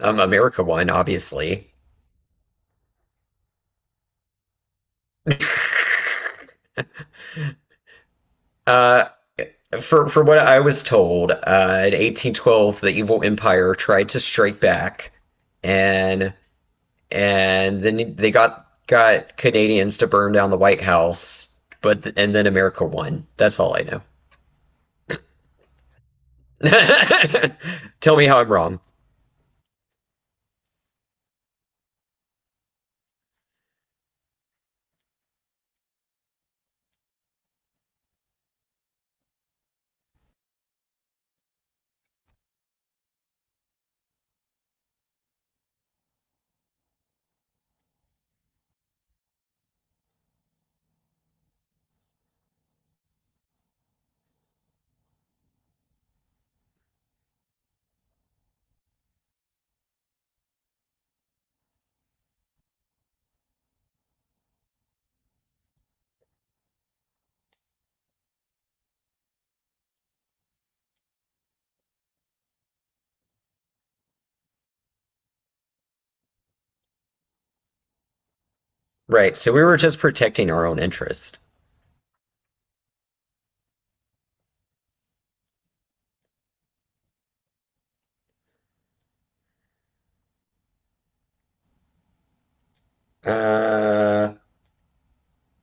America won, obviously. Uh, for what I was told, in 1812, the evil empire tried to strike back, and and then they got Canadians to burn down the White House, but and then America won. That's all I know. Tell me how I'm wrong. Right, so we were just protecting our own interest. Uh,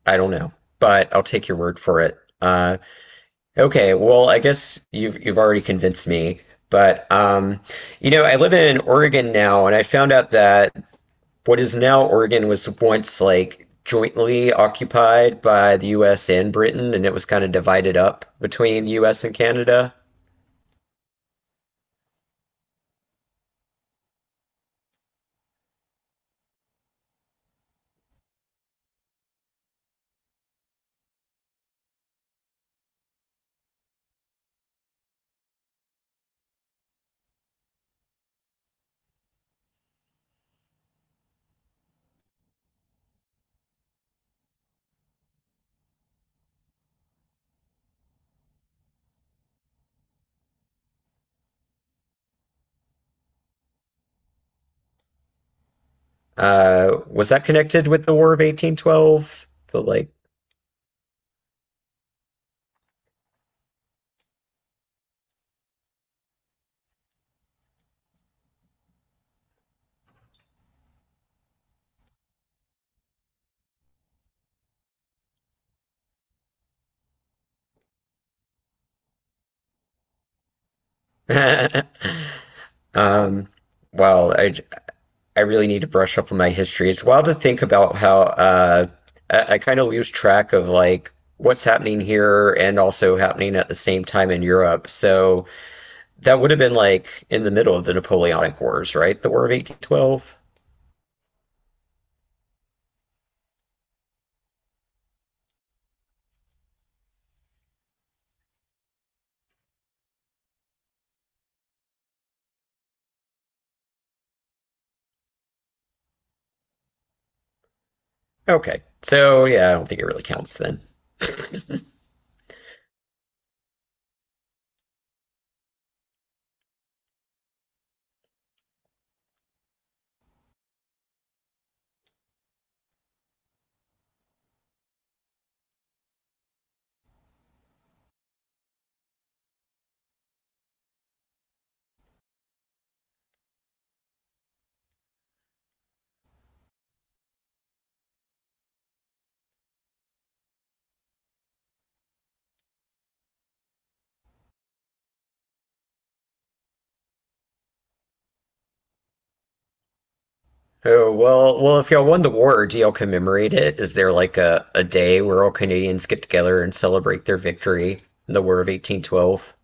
I don't know, but I'll take your word for it. Okay, well, I guess you've already convinced me, but I live in Oregon now, and I found out that what is now Oregon was once like jointly occupied by the U.S. and Britain, and it was kind of divided up between the U.S. and Canada. Was that connected with the War of 1812? The um, well, I really need to brush up on my history. It's wild to think about how I kind of lose track of like what's happening here and also happening at the same time in Europe. So that would have been like in the middle of the Napoleonic Wars, right? The War of 1812. Okay. So yeah, I don't think it really counts then. Oh, well, well, if y'all won the war, do y'all commemorate it? Is there like a day where all Canadians get together and celebrate their victory in the War of 1812?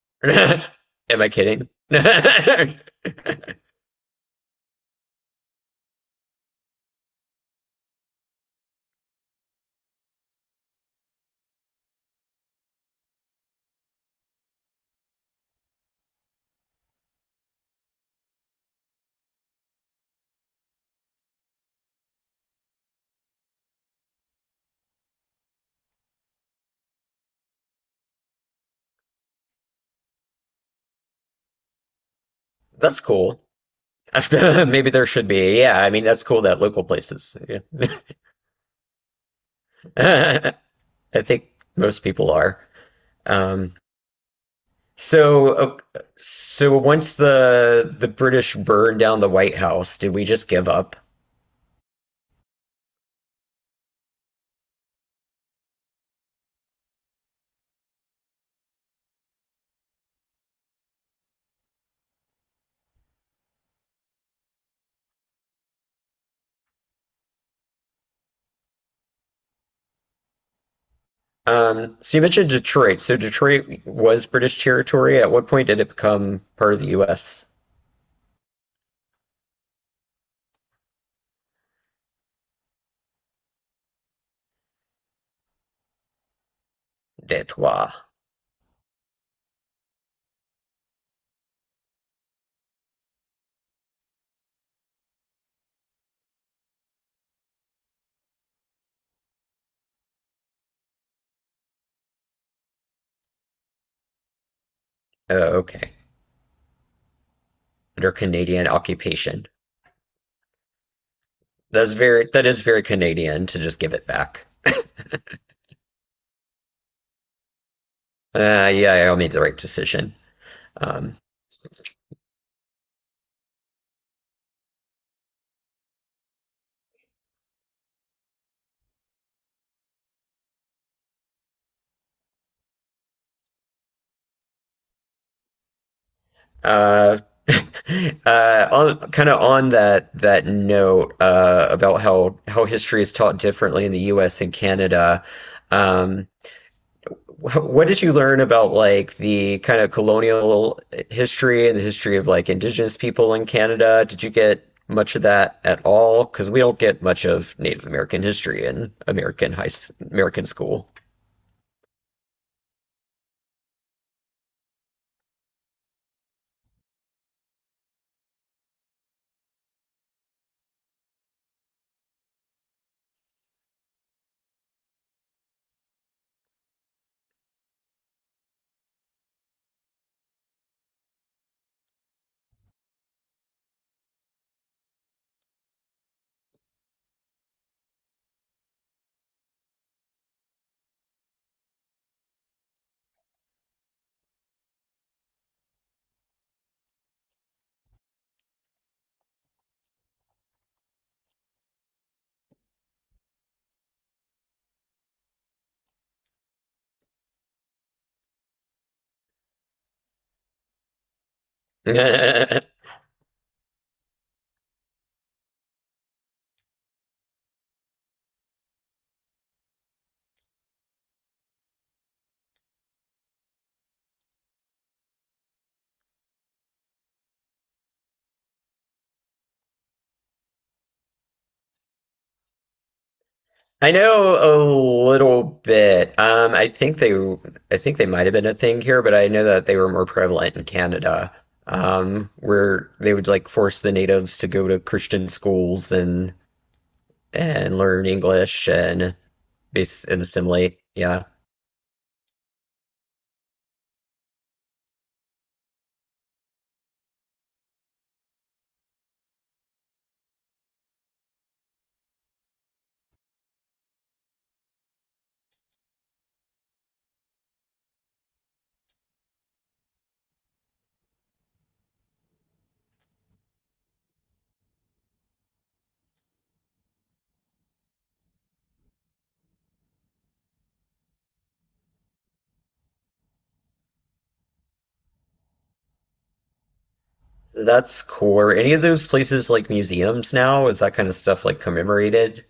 Am I kidding? That's cool. Maybe there should be. Yeah, I mean that's cool that local places. Yeah. I think most people are. Um, so, ok- so once the British burned down the White House, did we just give up? So you mentioned Detroit. So Detroit was British territory. At what point did it become part of the U.S.? Detroit. Oh, okay. Under Canadian occupation. That's very that is very Canadian to just give it back. Yeah, I made the right decision. Um, uh, uh, on kind of on that note about how history is taught differently in the U.S. and Canada. Um, wh What did you learn about like the kind of colonial history and the history of like Indigenous people in Canada? Did you get much of that at all? Because we don't get much of Native American history in American school. I know a little bit. I think they might have been a thing here, but I know that they were more prevalent in Canada, where they would like force the natives to go to Christian schools and learn English and bas and assimilate. Yeah. That's cool. Are any of those places like museums now? Is that kind of stuff like commemorated?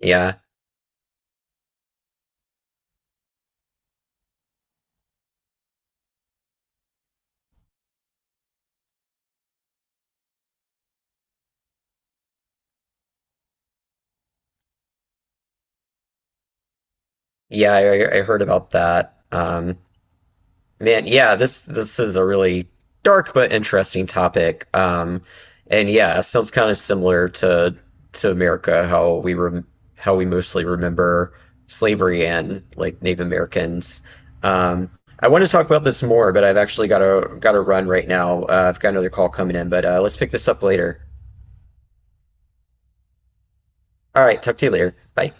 Yeah. Yeah, I heard about that. Yeah, this is a really dark but interesting topic. And yeah, it sounds kind of similar to America, how we mostly remember slavery and like Native Americans. Um, I want to talk about this more, but I've actually got to run right now. I've got another call coming in, but let's pick this up later. All right, talk to you later. Bye.